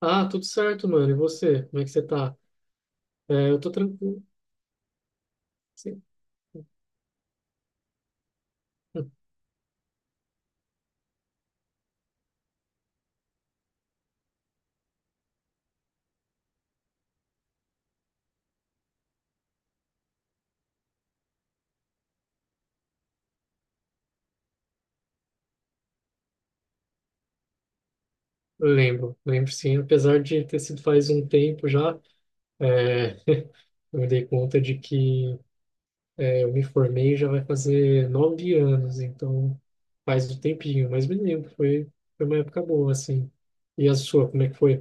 Ah, tudo certo, mano. E você? Como é que você tá? É, eu tô tranquilo. Sim. Hum. Lembro, lembro sim. Apesar de ter sido faz um tempo já, é, eu me dei conta de que eu me formei já vai fazer 9 anos, então faz um tempinho, mas me lembro, foi uma época boa, assim. E a sua, como é que foi?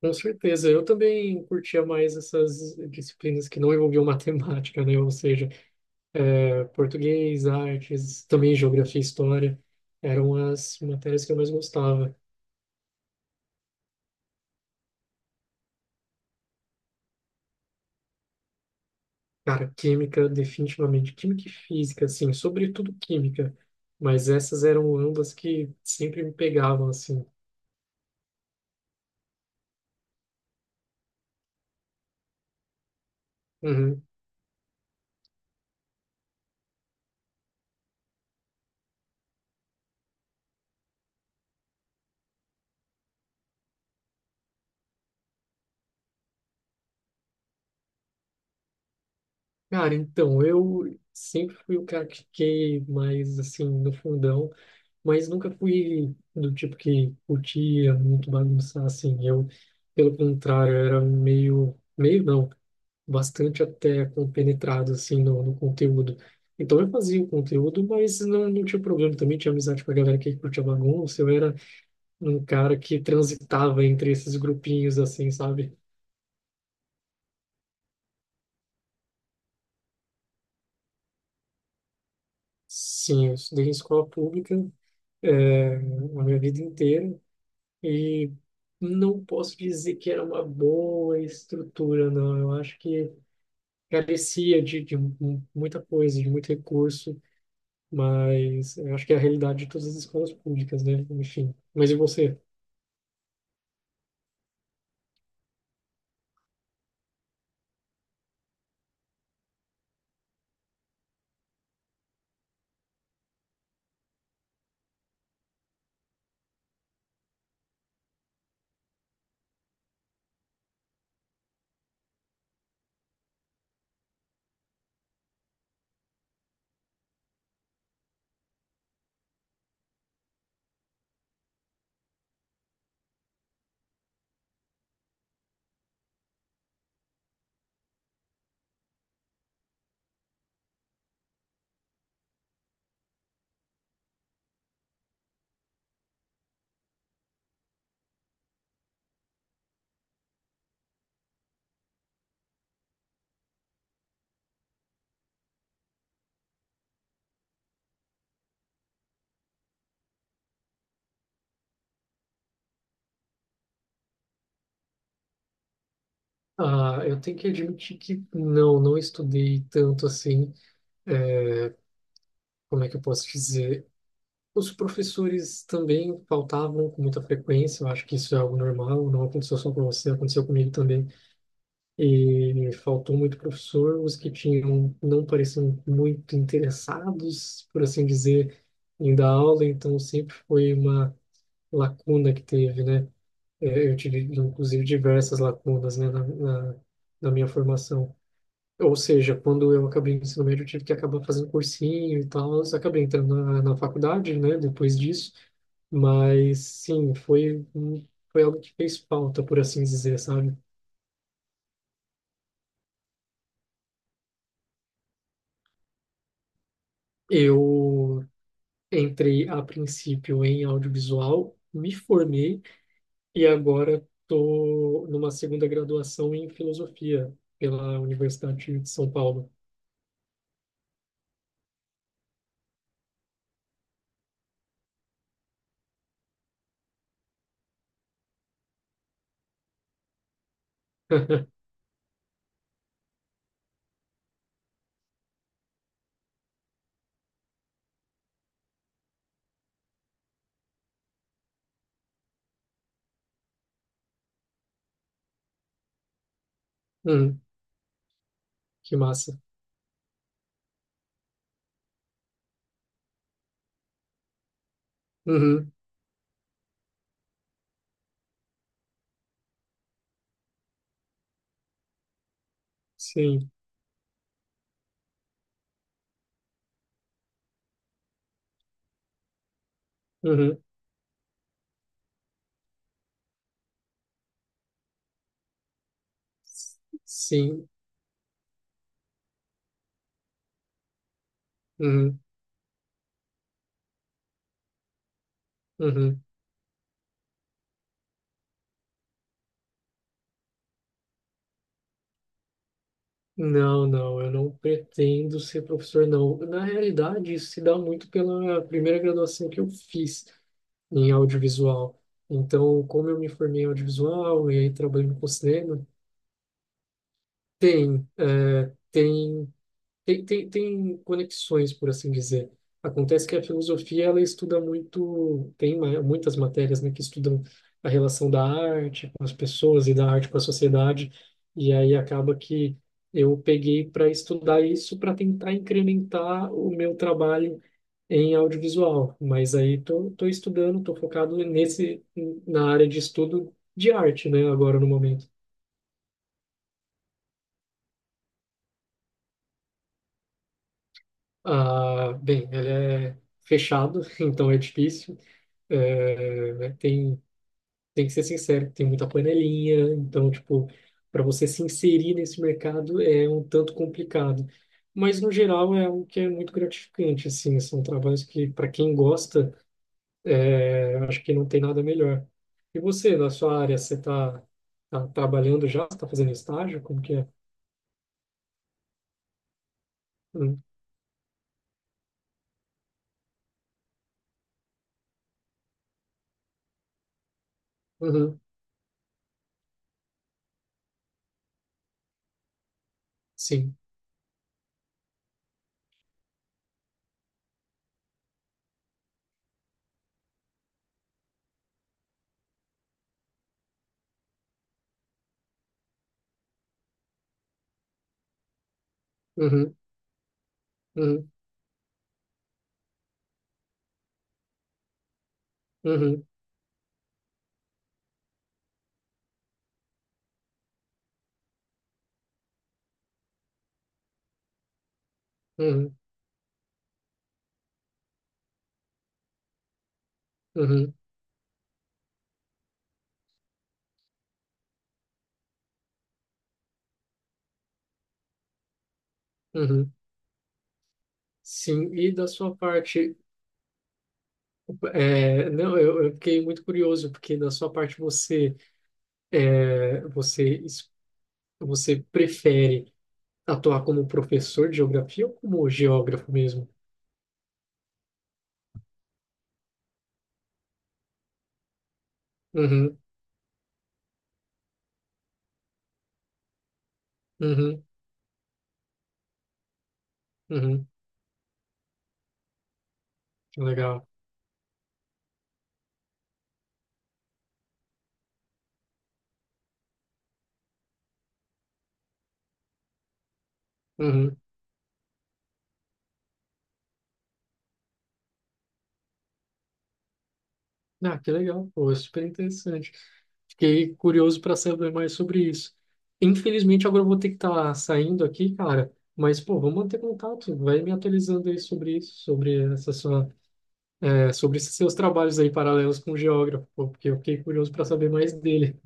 Com certeza, eu também curtia mais essas disciplinas que não envolviam matemática, né? Ou seja, português, artes, também geografia e história eram as matérias que eu mais gostava. Cara, química, definitivamente. Química e física, assim, sobretudo química. Mas essas eram ambas que sempre me pegavam, assim. Uhum. Cara, então, eu sempre fui o cara que fiquei mais, assim, no fundão, mas nunca fui do tipo que curtia muito bagunçar assim. Eu, pelo contrário, era meio não, bastante até compenetrado assim no conteúdo. Então eu fazia o conteúdo, mas não tinha problema também, tinha amizade com a galera que curtia bagunça. Eu era um cara que transitava entre esses grupinhos assim, sabe? Sim, eu estudei em escola pública, a minha vida inteira. E não posso dizer que era uma boa estrutura, não. Eu acho que carecia muita coisa, de muito recurso, mas eu acho que é a realidade de todas as escolas públicas, né? Enfim. Mas e você? Ah, eu tenho que admitir que não estudei tanto assim. Como é que eu posso dizer? Os professores também faltavam com muita frequência. Eu acho que isso é algo normal, não aconteceu só com você, aconteceu comigo também. E faltou muito professor, os que tinham não pareciam muito interessados, por assim dizer, em dar aula, então sempre foi uma lacuna que teve, né? Eu tive, inclusive, diversas lacunas, na minha formação. Ou seja, quando eu acabei o ensino médio, eu tive que acabar fazendo cursinho e tal, eu acabei entrando na faculdade, né, depois disso, mas sim, foi algo que fez falta, por assim dizer, sabe? Eu Entrei a princípio em audiovisual, me formei e agora estou numa segunda graduação em filosofia pela Universidade de São Paulo. Hum, que massa. Uhum, sim. Uhum, sim. Uhum, uhum. Não, não, eu não pretendo ser professor, não. Na realidade, isso se dá muito pela primeira graduação que eu fiz em audiovisual. Então, como eu me formei em audiovisual e aí trabalhando com cinema, Tem, é, tem, tem, tem conexões, por assim dizer. Acontece que a filosofia ela estuda muito, tem muitas matérias, né, que estudam a relação da arte com as pessoas e da arte com a sociedade, e aí acaba que eu peguei para estudar isso para tentar incrementar o meu trabalho em audiovisual, mas aí tô estudando, tô focado nesse na área de estudo de arte, né, agora no momento. Ah, bem, ele é fechado, então é difícil. É, é, tem, tem que ser sincero, tem muita panelinha, então, tipo, para você se inserir nesse mercado é um tanto complicado. Mas, no geral, é algo que é muito gratificante, assim, são trabalhos que, para quem gosta, eu acho que não tem nada melhor. E você, na sua área, você está trabalhando já? Você está fazendo estágio? Como que é? Uhum, uhum, sim. Uhum, uhum, uhum, uhum, uhum, uhum. Sim, e da sua parte, é, não, eu fiquei muito curioso, porque da sua parte você, é, você, es- você prefere atuar como professor de geografia ou como geógrafo mesmo? Uhum, uhum, uhum, legal. Uhum. Ah, que legal, pô, é super interessante. Fiquei curioso para saber mais sobre isso. Infelizmente, agora eu vou ter que estar saindo aqui, cara, mas, pô, vamos manter contato, vai me atualizando aí sobre isso, sobre essa sua. É sobre esses seus trabalhos aí paralelos com o geógrafo, pô, porque eu fiquei curioso para saber mais dele.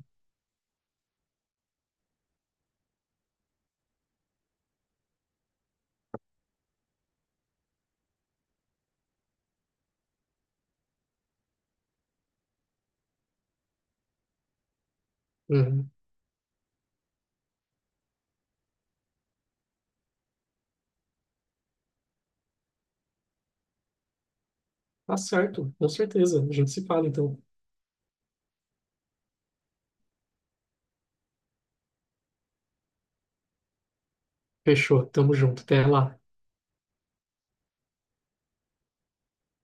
Uhum. Tá certo, com certeza. A gente se fala então. Fechou, tamo junto. Até lá.